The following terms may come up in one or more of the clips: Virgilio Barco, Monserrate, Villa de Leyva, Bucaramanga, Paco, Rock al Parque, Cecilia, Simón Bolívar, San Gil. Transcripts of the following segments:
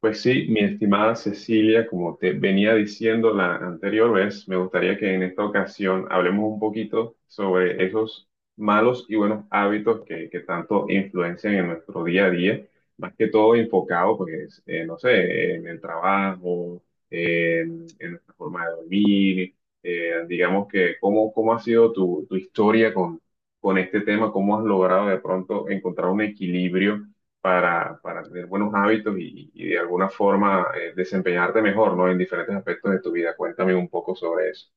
Pues sí, mi estimada Cecilia, como te venía diciendo la anterior vez, me gustaría que en esta ocasión hablemos un poquito sobre esos malos y buenos hábitos que tanto influencian en nuestro día a día, más que todo enfocado, pues, no sé, en el trabajo, en nuestra forma de dormir, digamos que cómo ha sido tu historia con este tema, cómo has logrado de pronto encontrar un equilibrio para tener buenos hábitos y de alguna forma desempeñarte mejor, ¿no? En diferentes aspectos de tu vida. Cuéntame un poco sobre eso.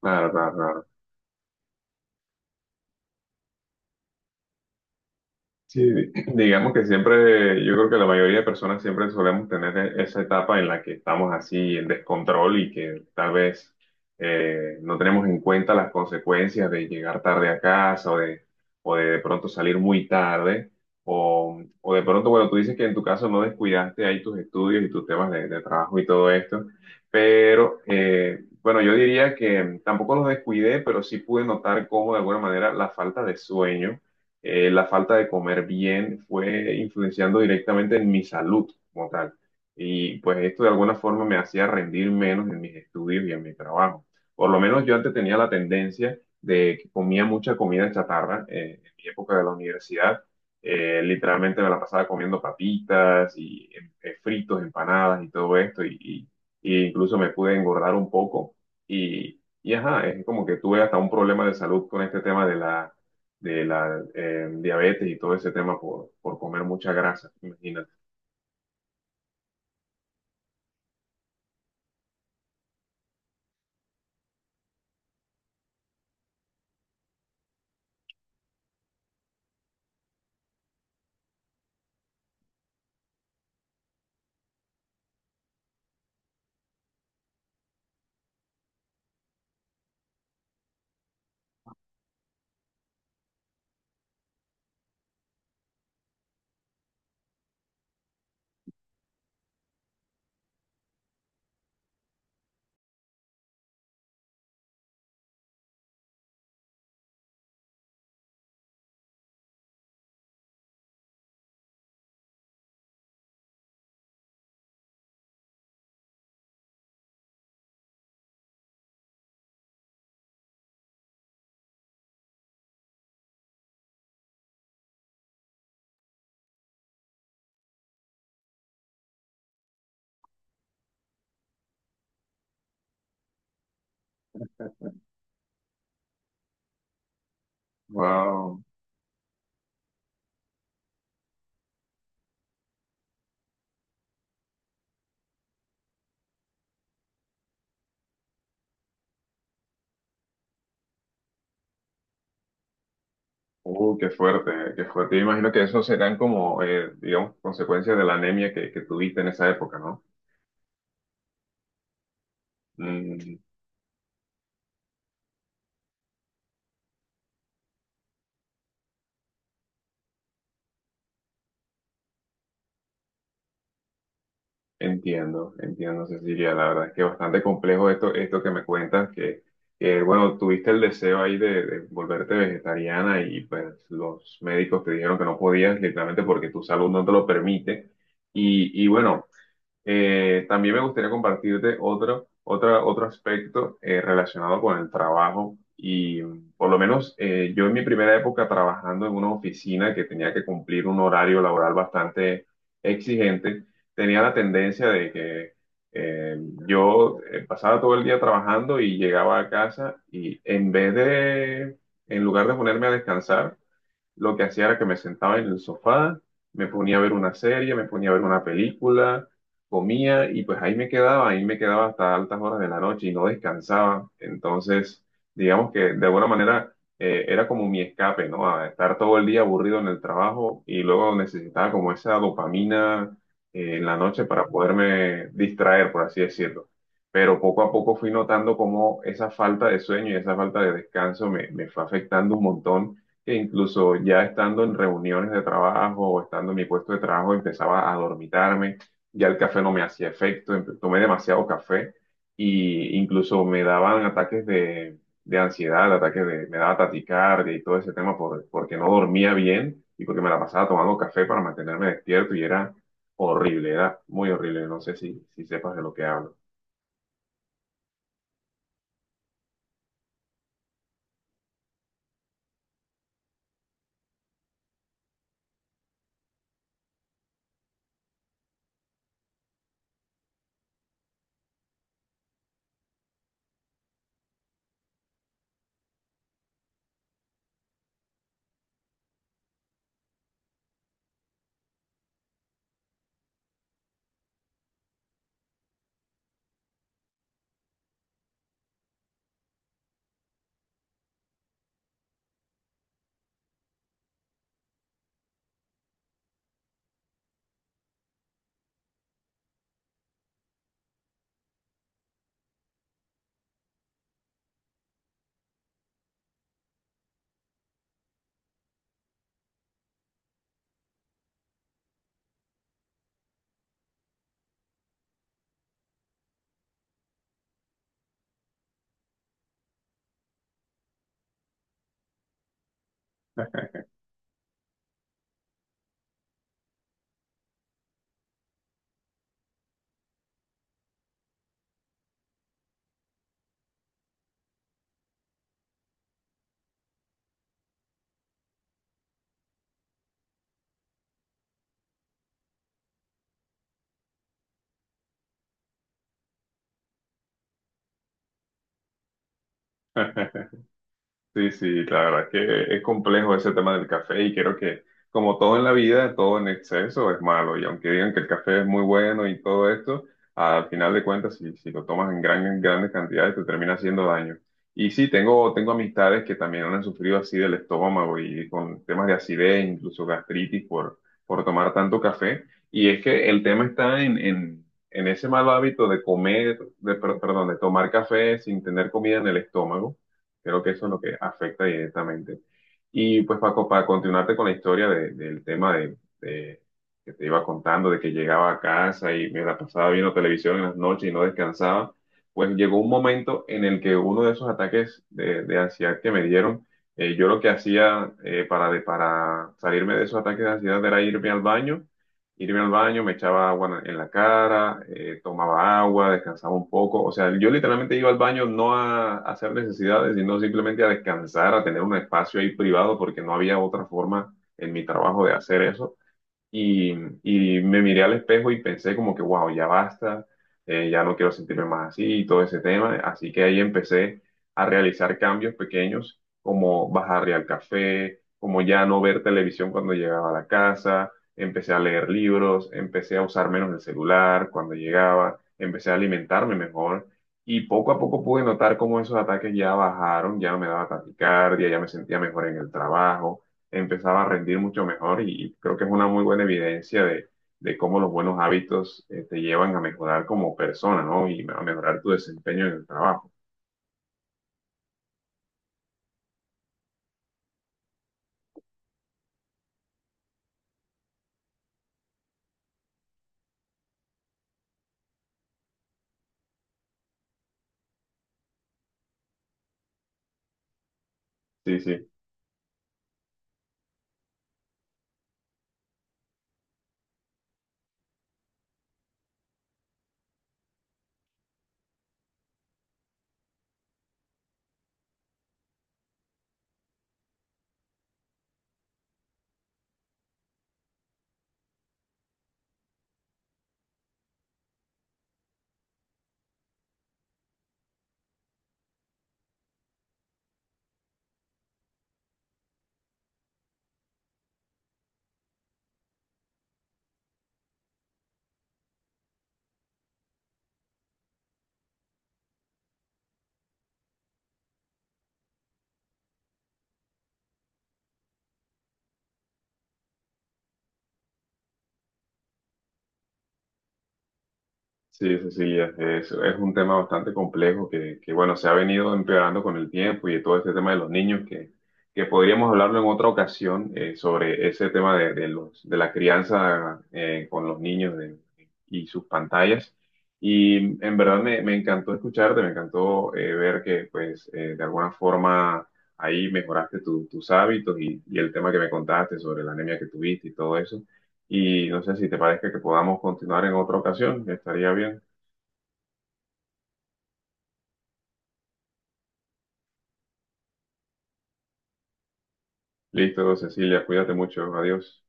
Claro, claro, claro. Sí, digamos que siempre, yo creo que la mayoría de personas siempre solemos tener esa etapa en la que estamos así en descontrol y que tal vez no tenemos en cuenta las consecuencias de llegar tarde a casa o de pronto salir muy tarde o de pronto, bueno, tú dices que en tu caso no descuidaste ahí tus estudios y tus temas de trabajo y todo esto, pero bueno, yo diría que tampoco los descuidé, pero sí pude notar cómo de alguna manera la falta de sueño la falta de comer bien fue influenciando directamente en mi salud como tal. Y pues esto de alguna forma me hacía rendir menos en mis estudios y en mi trabajo. Por lo menos yo antes tenía la tendencia de que comía mucha comida chatarra en mi época de la universidad. Literalmente me la pasaba comiendo papitas y fritos, empanadas y todo esto. Y incluso me pude engordar un poco. Y ajá, es como que tuve hasta un problema de salud con este tema de la de la diabetes y todo ese tema por comer mucha grasa, imagínate. Wow. Qué fuerte, qué fuerte. Yo imagino que eso serán como, digamos, consecuencias de la anemia que tuviste en esa época, ¿no? Mm, entiendo, entiendo, Cecilia. La verdad es que bastante complejo esto, esto que me cuentas, que, bueno, tuviste el deseo ahí de volverte vegetariana y pues los médicos te dijeron que no podías, literalmente porque tu salud no te lo permite. Y bueno, también me gustaría compartirte otro, otro aspecto relacionado con el trabajo y por lo menos yo en mi primera época trabajando en una oficina que tenía que cumplir un horario laboral bastante exigente, tenía la tendencia de que eh, yo pasaba todo el día trabajando y llegaba a casa y en vez de, en lugar de ponerme a descansar, lo que hacía era que me sentaba en el sofá, me ponía a ver una serie, me ponía a ver una película, comía y pues ahí me quedaba hasta altas horas de la noche y no descansaba. Entonces, digamos que de alguna manera era como mi escape, ¿no? A estar todo el día aburrido en el trabajo y luego necesitaba como esa dopamina en la noche para poderme distraer, por así decirlo. Pero poco a poco fui notando cómo esa falta de sueño y esa falta de descanso me fue afectando un montón que incluso ya estando en reuniones de trabajo o estando en mi puesto de trabajo empezaba a dormitarme, ya el café no me hacía efecto, tomé demasiado café y incluso me daban ataques de ansiedad, ataques de, me daba taticardia y todo ese tema porque no dormía bien y porque me la pasaba tomando café para mantenerme despierto y era horrible, era muy horrible, no sé si, si sepas de lo que hablo. Sí, sí, la verdad es que es complejo ese tema del café y creo que como todo en la vida, todo en exceso es malo y aunque digan que el café es muy bueno y todo esto, al final de cuentas, si, si lo tomas en gran, en grandes cantidades, te termina haciendo daño. Y sí, tengo, tengo amistades que también han sufrido así del estómago y con temas de acidez, incluso gastritis por tomar tanto café. Y es que el tema está en ese mal hábito de comer, de, perdón, de tomar café sin tener comida en el estómago. Creo que eso es lo que afecta directamente. Y pues Paco, para continuarte con la historia del tema de, que te iba contando, de que llegaba a casa y me la pasaba viendo televisión en las noches y no descansaba, pues llegó un momento en el que uno de esos ataques de ansiedad que me dieron, yo lo que hacía para, para salirme de esos ataques de ansiedad era irme al baño, me echaba agua en la cara, tomaba agua, descansaba un poco. O sea, yo literalmente iba al baño no a, a hacer necesidades, sino simplemente a descansar, a tener un espacio ahí privado, porque no había otra forma en mi trabajo de hacer eso. Y, y me miré al espejo y pensé como que, wow, ya basta, ya no quiero sentirme más así y todo ese tema. Así que ahí empecé a realizar cambios pequeños, como bajarle al café, como ya no ver televisión cuando llegaba a la casa, empecé a leer libros, empecé a usar menos el celular cuando llegaba, empecé a alimentarme mejor. Y poco a poco pude notar cómo esos ataques ya bajaron, ya no me daba taquicardia, ya me sentía mejor en el trabajo. Empezaba a rendir mucho mejor y creo que es una muy buena evidencia de cómo los buenos hábitos te llevan a mejorar como persona, ¿no? Y a mejorar tu desempeño en el trabajo. Sí, sí. Sí, Cecilia, es un tema bastante complejo que, bueno, se ha venido empeorando con el tiempo y de todo este tema de los niños, que podríamos hablarlo en otra ocasión sobre ese tema de los, de la crianza con los niños y sus pantallas. Y en verdad me encantó escucharte, me encantó ver que, pues, de alguna forma ahí mejoraste tus hábitos y el tema que me contaste sobre la anemia que tuviste y todo eso. Y no sé si te parece que podamos continuar en otra ocasión, estaría bien. Listo, Cecilia, cuídate mucho. Adiós.